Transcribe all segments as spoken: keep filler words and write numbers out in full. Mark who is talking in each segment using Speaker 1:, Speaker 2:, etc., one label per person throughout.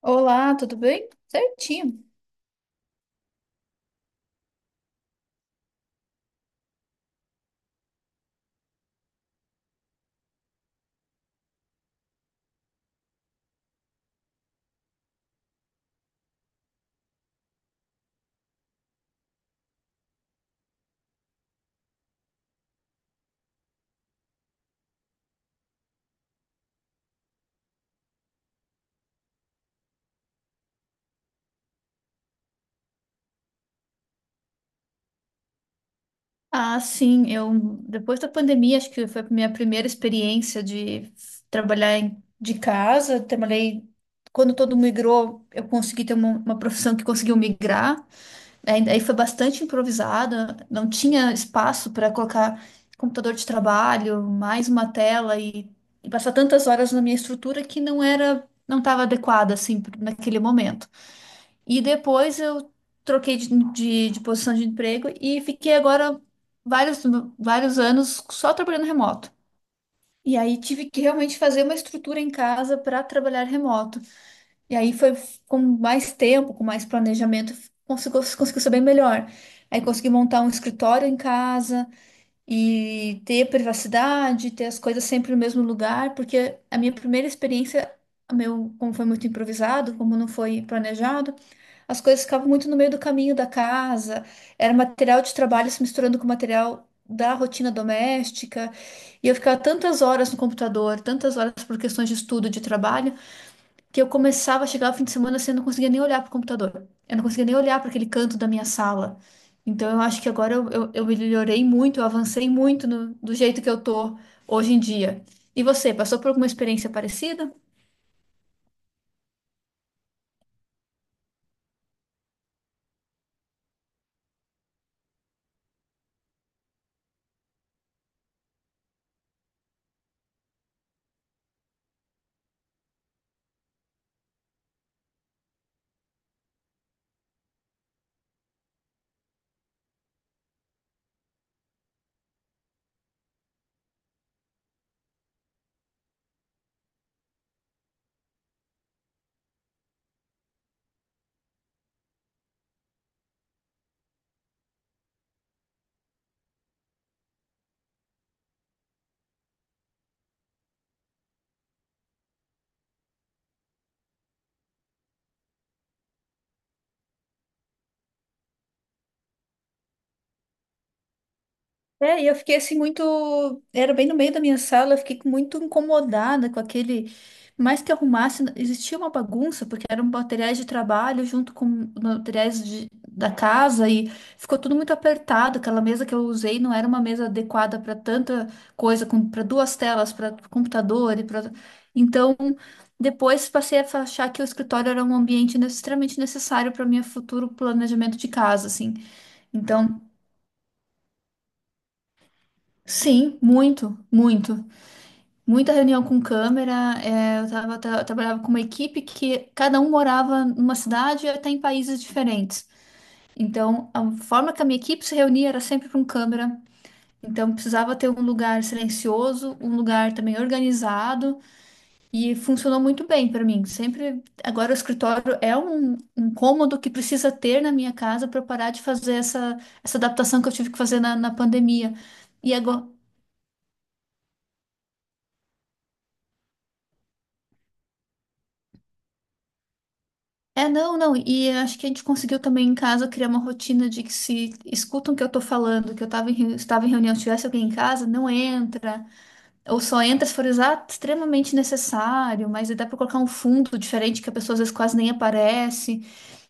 Speaker 1: Olá, tudo bem? Certinho. Ah, sim, eu depois da pandemia, acho que foi a minha primeira experiência de trabalhar em- de casa. Trabalhei quando todo mundo migrou, eu consegui ter uma, uma profissão que conseguiu migrar. Aí, aí foi bastante improvisada, não tinha espaço para colocar computador de trabalho, mais uma tela e, e passar tantas horas na minha estrutura que não era, não estava adequada assim naquele momento. E depois eu troquei de, de, de posição de emprego e fiquei agora vários, vários anos só trabalhando remoto. E aí tive que realmente fazer uma estrutura em casa para trabalhar remoto. E aí foi com mais tempo, com mais planejamento, conseguiu, conseguiu ser bem melhor. Aí consegui montar um escritório em casa e ter privacidade, ter as coisas sempre no mesmo lugar, porque a minha primeira experiência, a meu, como foi muito improvisado, como não foi planejado, as coisas ficavam muito no meio do caminho da casa, era material de trabalho se misturando com material da rotina doméstica, e eu ficava tantas horas no computador, tantas horas por questões de estudo, de trabalho, que eu começava a chegar ao fim de semana assim, eu não conseguia nem olhar para o computador, eu não conseguia nem olhar para aquele canto da minha sala. Então eu acho que agora eu, eu, eu melhorei muito, eu avancei muito no- do jeito que eu tô hoje em dia. E você, passou por alguma experiência parecida? É, e eu fiquei assim muito. Era bem no meio da minha sala, eu fiquei muito incomodada com aquele. Mais que arrumasse, existia uma bagunça, porque eram materiais de trabalho junto com materiais de- da casa e ficou tudo muito apertado. Aquela mesa que eu usei não era uma mesa adequada para tanta coisa, para duas telas, para computador e para. Então, depois passei a achar que o escritório era um ambiente extremamente necessário para o meu futuro planejamento de casa, assim. Então, sim, muito, muito. Muita reunião com câmera, é, eu tava, tra- eu trabalhava com uma equipe que cada um morava numa cidade e até em países diferentes. Então, a forma que a minha equipe se reunia era sempre com câmera. Então, precisava ter um lugar silencioso, um lugar também organizado e funcionou muito bem para mim. Sempre, agora o escritório é um, um cômodo que precisa ter na minha casa para parar de fazer essa, essa adaptação que eu tive que fazer na, na pandemia. E agora, é, não, não, e acho que a gente conseguiu também em casa criar uma rotina de que se escutam o que eu tô falando, que eu tava em, reu- estava em reunião, tivesse alguém em casa, não entra, ou só entra se for exa- extremamente necessário, mas aí dá pra colocar um fundo diferente que a pessoa às vezes quase nem aparece.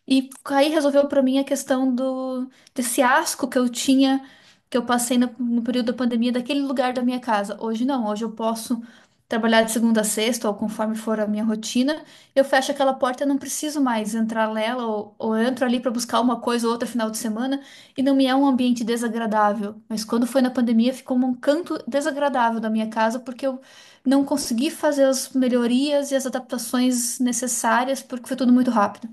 Speaker 1: E aí resolveu pra mim a questão do desse asco que eu tinha, que eu passei no, no período da pandemia, daquele lugar da minha casa. Hoje não, hoje eu posso trabalhar de segunda a sexta, ou conforme for a minha rotina, eu fecho aquela porta, eu não preciso mais entrar nela, ou, ou eu entro ali para buscar uma coisa ou outra final de semana, e não me é um ambiente desagradável. Mas quando foi na pandemia, ficou um canto desagradável da minha casa, porque eu não consegui fazer as melhorias e as adaptações necessárias, porque foi tudo muito rápido.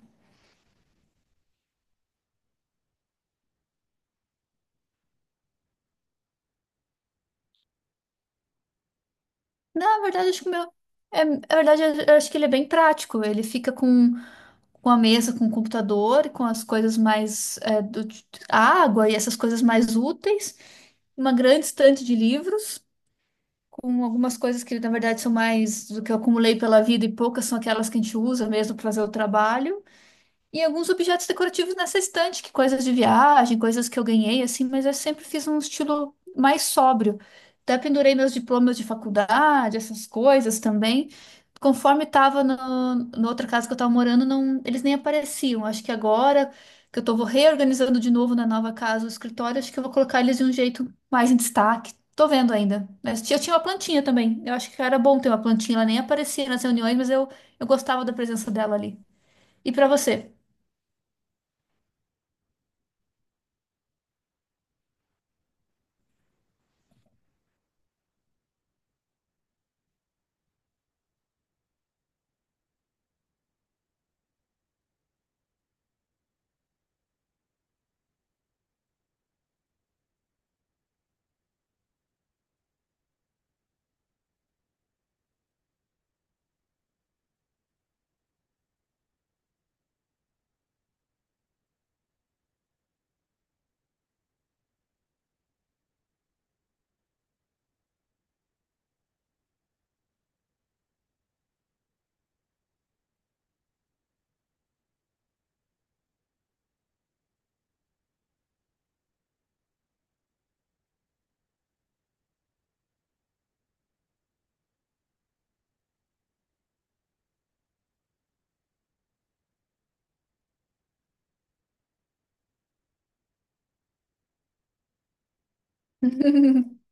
Speaker 1: Na verdade, acho que o meu. É, na verdade, eu eu acho que ele é bem prático. Ele fica com, com a mesa, com o computador, com as coisas mais. É, do, água e essas coisas mais úteis. Uma grande estante de livros, com algumas coisas que, na verdade, são mais do que eu acumulei pela vida e poucas são aquelas que a gente usa mesmo para fazer o trabalho. E alguns objetos decorativos nessa estante, que coisas de viagem, coisas que eu ganhei, assim, mas eu sempre fiz um estilo mais sóbrio. Até pendurei meus diplomas de faculdade, essas coisas também. Conforme estava no, na outra casa que eu estava morando, não, eles nem apareciam. Acho que agora que eu estou reorganizando de novo na nova casa o escritório, acho que eu vou colocar eles de um jeito mais em destaque. Tô vendo ainda. Mas eu tinha uma plantinha também. Eu acho que era bom ter uma plantinha. Ela nem aparecia nas reuniões, mas eu, eu gostava da presença dela ali. E para você?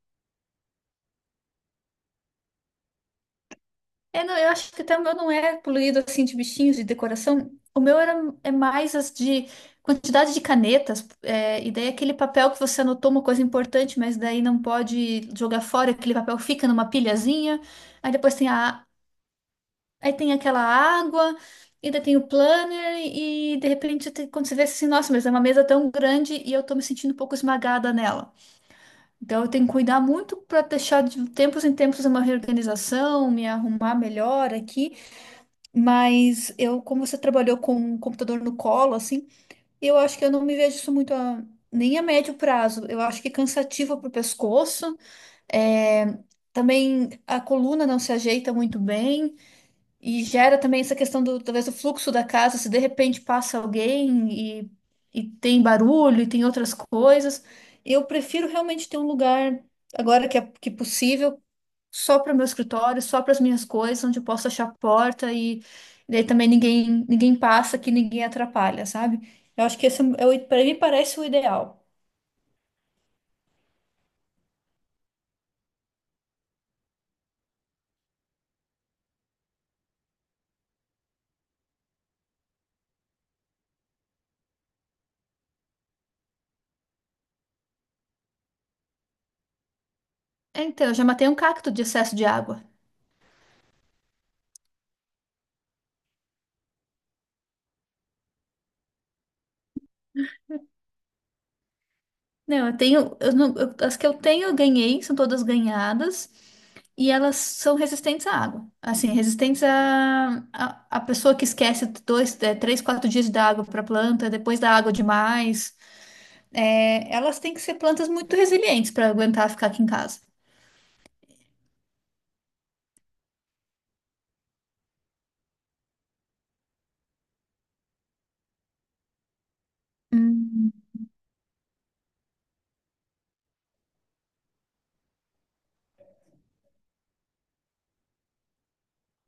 Speaker 1: É, não, eu acho que até o meu não é poluído assim de bichinhos de decoração. O meu era, é mais as de quantidade de canetas, é, e daí aquele papel que você anotou uma coisa importante, mas daí não pode jogar fora, aquele papel fica numa pilhazinha. Aí depois tem a, aí tem aquela água, e daí tem o planner, e de repente tem- quando você vê assim, nossa, mas é uma mesa tão grande e eu tô me sentindo um pouco esmagada nela. Então, eu tenho que cuidar muito para deixar de tempos em tempos uma reorganização, me arrumar melhor aqui. Mas eu, como você trabalhou com um computador no colo, assim, eu acho que eu não me vejo isso muito a, nem a médio prazo. Eu acho que é cansativo para o pescoço. É, também a coluna não se ajeita muito bem. E gera também essa questão do, talvez, do fluxo da casa, se de repente passa alguém e, e tem barulho e tem outras coisas. Eu prefiro realmente ter um lugar, agora que é que é possível, só para o meu escritório, só para as minhas coisas, onde eu posso achar a porta e, e daí também ninguém, ninguém passa, que ninguém atrapalha, sabe? Eu acho que esse é, para mim parece o ideal. É, então, eu já matei um cacto de excesso de água. Não, eu tenho, eu não- eu- as que eu tenho, eu ganhei, são todas ganhadas, e elas são resistentes à água. Assim, resistentes à, a à pessoa que esquece dois, eh, três, quatro dias da água para planta, depois da água demais. É, elas têm que ser plantas muito resilientes para aguentar ficar aqui em casa. Hum,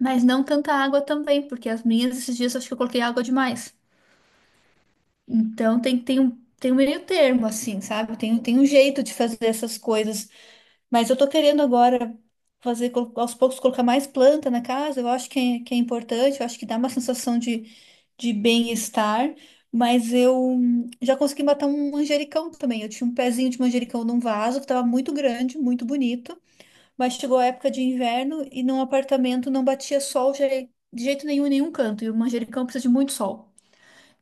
Speaker 1: Mas não tanta água também, porque as minhas, esses dias, acho que eu coloquei água demais. Então, tem, tem um, tem um meio termo, assim, sabe? Tem, tem um jeito de fazer essas coisas. Mas eu tô querendo agora fazer, colo- aos poucos, colocar mais planta na casa. Eu acho que é, que é importante, eu acho que dá uma sensação de, de bem-estar. Mas eu hum, já consegui matar um manjericão também. Eu tinha um pezinho de manjericão num vaso que estava muito grande, muito bonito. Mas chegou a época de inverno e num apartamento não batia sol je- de jeito nenhum, em nenhum canto. E o manjericão precisa de muito sol.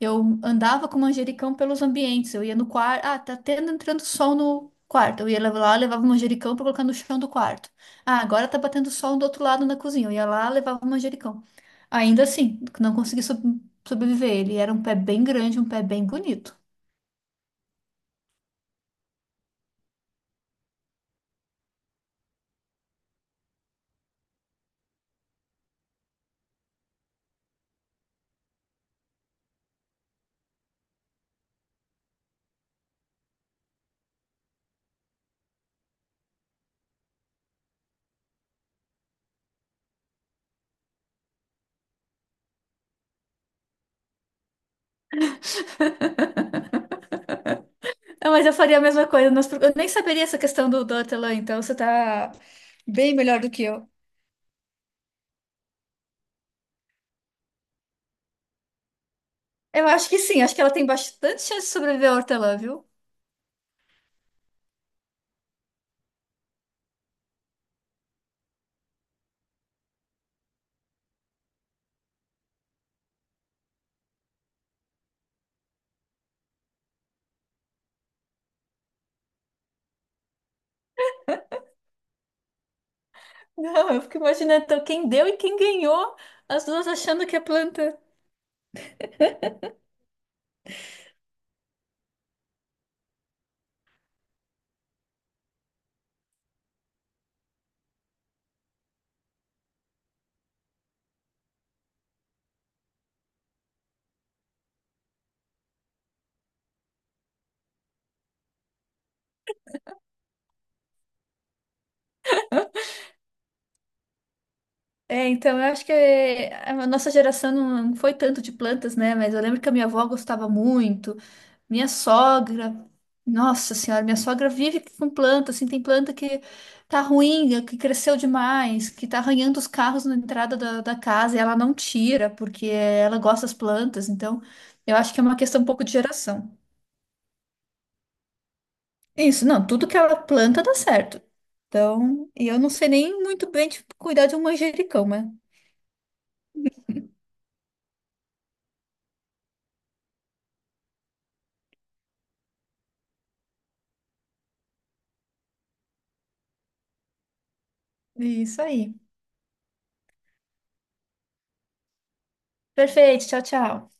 Speaker 1: Eu andava com manjericão pelos ambientes. Eu ia no quarto. Ah, tá tendo entrando sol no quarto. Eu ia lá, levava o manjericão para colocar no chão do quarto. Ah, agora tá batendo sol do outro lado na cozinha. Eu ia lá, levava o manjericão. Ainda assim, não consegui sob- sobreviver. Ele era um pé bem grande, um pé bem bonito. Ah, mas eu faria a mesma coisa. Nós- Eu nem saberia essa questão do, do hortelã, então você tá bem melhor do que eu. Eu acho que sim, acho que ela tem bastante chance de sobreviver ao hortelã, viu? Não, eu fico imaginando então, quem deu e quem ganhou, as duas achando que é planta. É, então eu acho que é, a nossa geração não não foi tanto de plantas, né? Mas eu lembro que a minha avó gostava muito, minha sogra, nossa senhora, minha sogra vive com planta, assim, tem planta que tá ruim, que cresceu demais, que tá arranhando os carros na entrada da, da casa e ela não tira, porque ela gosta das plantas, então eu acho que é uma questão um pouco de geração. Isso, não, tudo que ela planta dá certo. Então, e eu não sei nem muito bem, tipo, cuidar de um manjericão, mas é isso aí. Perfeito, tchau, tchau.